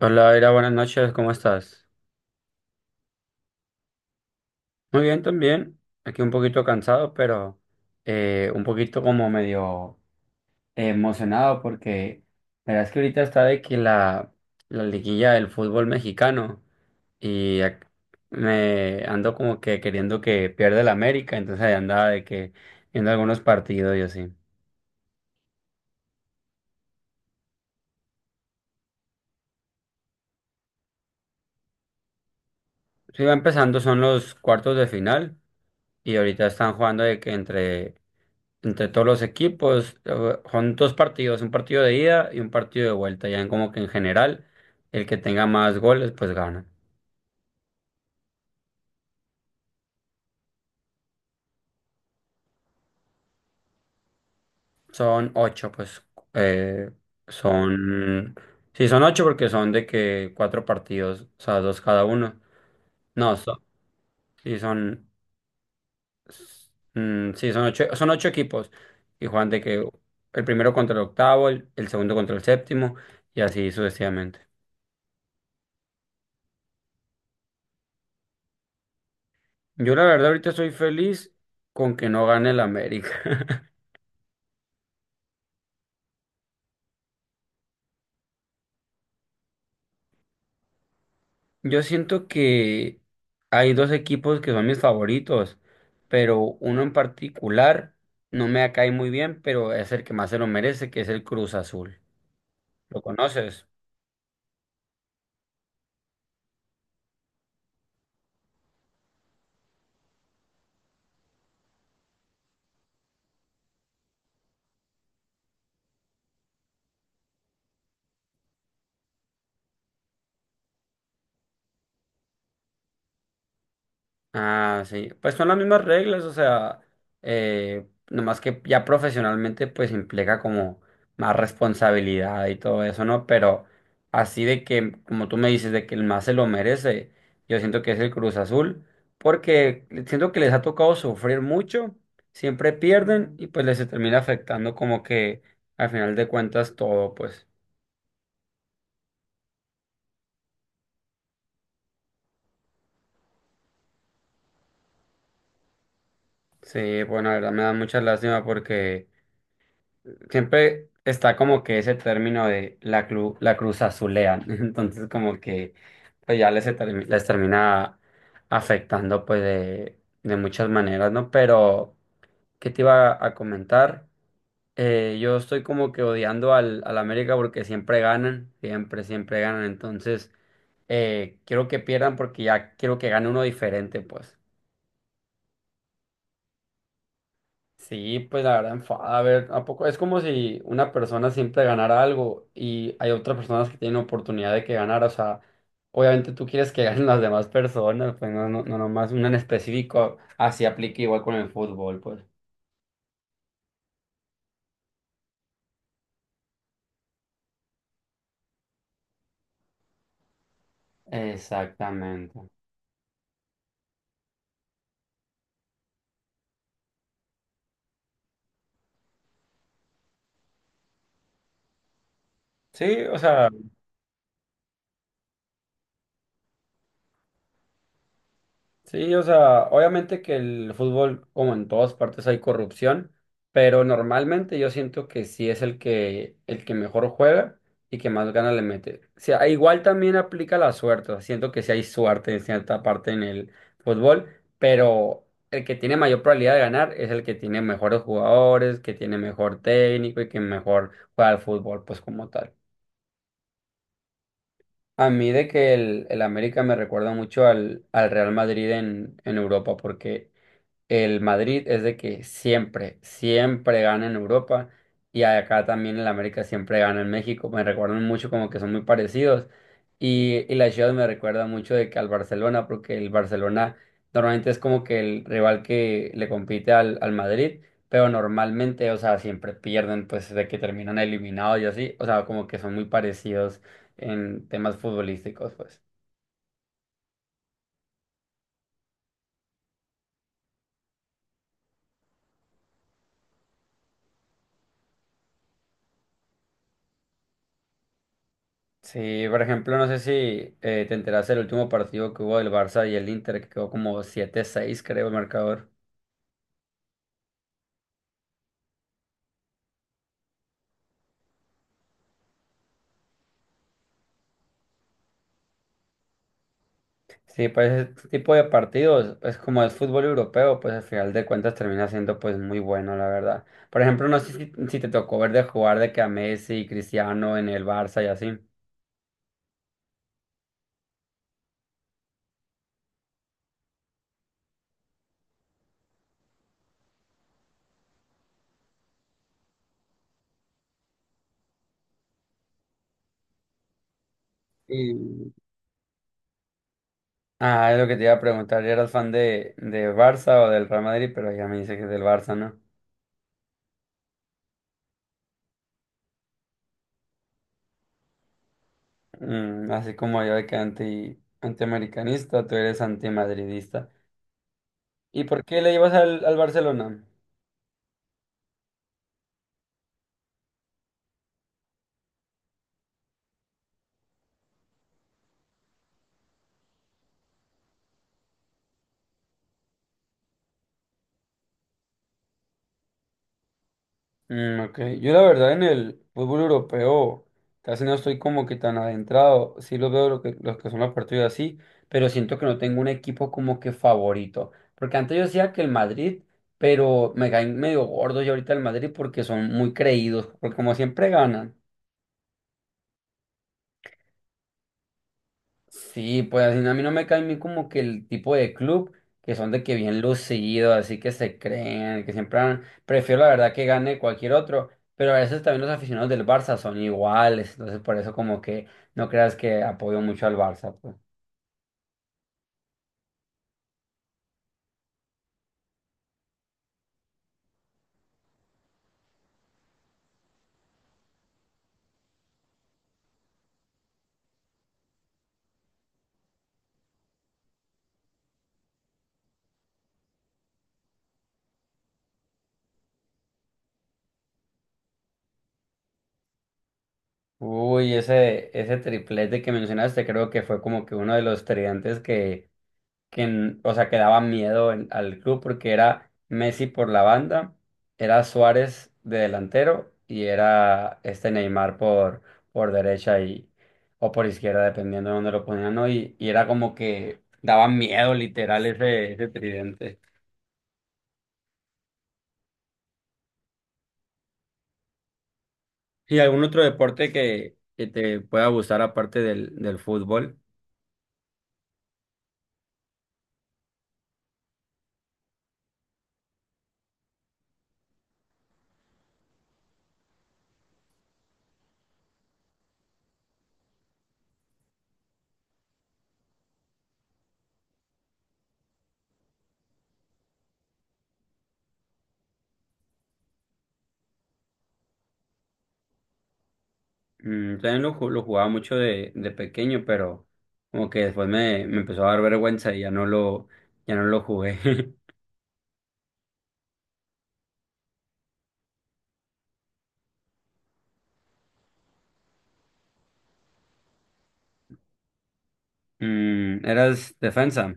Hola, Era, buenas noches, ¿cómo estás? Muy bien, también. Aquí un poquito cansado, pero un poquito como medio emocionado porque la verdad es que ahorita está de que la liguilla del fútbol mexicano y me ando como que queriendo que pierda el América, entonces ahí andaba de que viendo algunos partidos y así. Sí, va empezando, son los cuartos de final y ahorita están jugando de que entre todos los equipos. Son dos partidos, un partido de ida y un partido de vuelta. Ya en como que en general, el que tenga más goles, pues gana. Son ocho, pues. Eh, son. Sí, son ocho porque son de que cuatro partidos, o sea, dos cada uno. No, son, sí, son. S- mm, sí, son ocho equipos. Y juegan de que el primero contra el octavo, el segundo contra el séptimo, y así sucesivamente. Yo la verdad ahorita estoy feliz con que no gane el América. Yo siento que hay dos equipos que son mis favoritos, pero uno en particular no me cae muy bien, pero es el que más se lo merece, que es el Cruz Azul. ¿Lo conoces? Ah, sí. Pues son las mismas reglas, o sea, nomás que ya profesionalmente pues implica como más responsabilidad y todo eso, ¿no? Pero así de que, como tú me dices, de que el más se lo merece, yo siento que es el Cruz Azul, porque siento que les ha tocado sufrir mucho, siempre pierden y pues les se termina afectando como que al final de cuentas todo, pues sí, bueno, la verdad me da mucha lástima porque siempre está como que ese término de la cruz azulean, entonces como que pues ya les termina afectando pues de muchas maneras, ¿no? Pero, ¿qué te iba a comentar? Yo estoy como que odiando al América porque siempre ganan, siempre, siempre ganan, entonces quiero que pierdan porque ya quiero que gane uno diferente, pues. Sí, pues la verdad enfada. A ver, ¿a poco? Es como si una persona siempre ganara algo y hay otras personas que tienen oportunidad de que ganar. O sea, obviamente tú quieres que ganen las demás personas, pues no, no, no nomás una en específico. Así aplica igual con el fútbol, pues. Exactamente. Sí, o sea. Sí, o sea, obviamente que el fútbol, como en todas partes, hay corrupción, pero normalmente yo siento que sí es el que mejor juega y que más ganas le mete. O sea, igual también aplica la suerte, o sea, siento que sí hay suerte en cierta parte en el fútbol, pero el que tiene mayor probabilidad de ganar es el que tiene mejores jugadores, que tiene mejor técnico y que mejor juega al fútbol, pues como tal. A mí de que el América me recuerda mucho al Real Madrid en Europa, porque el Madrid es de que siempre, siempre gana en Europa y acá también el América siempre gana en México. Me recuerdan mucho como que son muy parecidos y la Ciudad me recuerda mucho de que al Barcelona porque el Barcelona normalmente es como que el rival que le compite al Madrid, pero normalmente, o sea, siempre pierden pues de que terminan eliminados y así, o sea, como que son muy parecidos en temas futbolísticos, pues. Sí, por ejemplo, no sé si te enteraste del último partido que hubo del Barça y el Inter, que quedó como siete seis, creo, el marcador. Sí, pues este tipo de partidos, pues como es fútbol europeo, pues al final de cuentas termina siendo pues muy bueno, la verdad. Por ejemplo, no sé si te tocó ver de jugar de que a Messi y Cristiano en el Barça y así. Y ah, es lo que te iba a preguntar, ¿eras fan de Barça o del Real Madrid? Pero ya me dice que es del Barça, ¿no? Mm, así como yo de que antiamericanista, tú eres antimadridista. ¿Y por qué le ibas al Barcelona? Mm, ok, yo la verdad en el fútbol europeo casi no estoy como que tan adentrado, sí los veo los que son los partidos así, pero siento que no tengo un equipo como que favorito, porque antes yo decía que el Madrid, pero me caen medio gordos y ahorita el Madrid porque son muy creídos, porque como siempre ganan. Sí, pues a mí no me cae bien como que el tipo de club que son de que bien lucidos, así que se creen, que prefiero la verdad que gane cualquier otro, pero a veces también los aficionados del Barça son iguales, entonces por eso como que no creas que apoyo mucho al Barça, pues. Uy, ese triplete que mencionaste creo que fue como que uno de los tridentes que o sea, que daba miedo al club porque era Messi por la banda, era Suárez de delantero y era este Neymar por derecha y, o por izquierda, dependiendo de dónde lo ponían, ¿no? Y era como que daba miedo literal ese tridente. ¿Y algún otro deporte que te pueda gustar aparte del fútbol? Mm, también lo jugaba mucho de pequeño, pero como que después me empezó a dar vergüenza y ya no ya no lo jugué. Mm, eras defensa.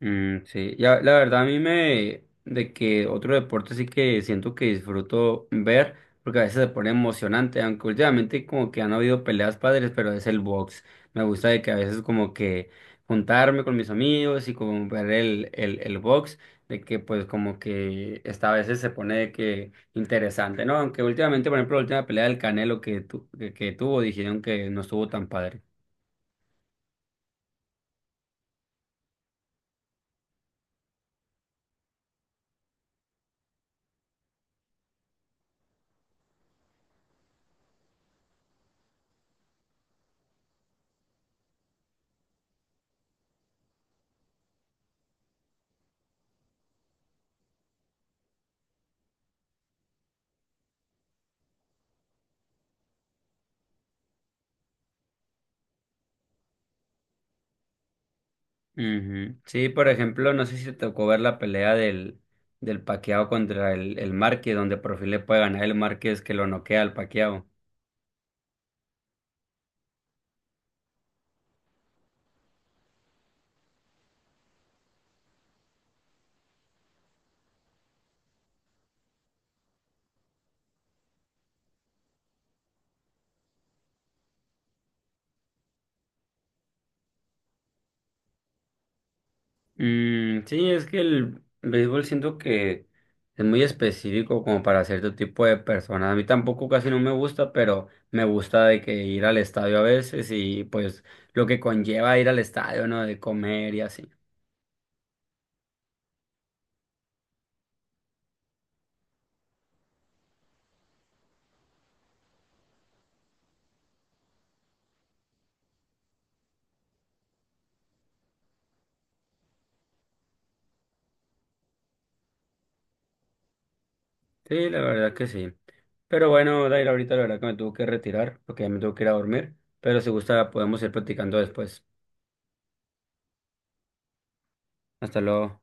Mm, sí, ya, la verdad a mí me, de que otro deporte sí que siento que disfruto ver, porque a veces se pone emocionante, aunque últimamente como que han habido peleas padres, pero es el box. Me gusta de que a veces como que juntarme con mis amigos y como ver el box, de que pues como que esta a veces se pone de que interesante, ¿no? Aunque últimamente, por ejemplo, la última pelea del Canelo que tuvo, dijeron que no estuvo tan padre. Ujú. Sí, por ejemplo, no sé si te tocó ver la pelea del Paquiao contra el Márquez, donde por fin le puede ganar el Márquez que lo noquea al Paquiao. Mm, sí, es que el béisbol siento que es muy específico como para cierto tipo de personas. A mí tampoco casi no me gusta, pero me gusta de que ir al estadio a veces y pues lo que conlleva ir al estadio, ¿no? De comer y así. Sí, la verdad que sí. Pero bueno, Dair, ahorita la verdad que me tuvo que retirar porque ya me tuvo que ir a dormir. Pero si gusta, podemos ir platicando después. Hasta luego.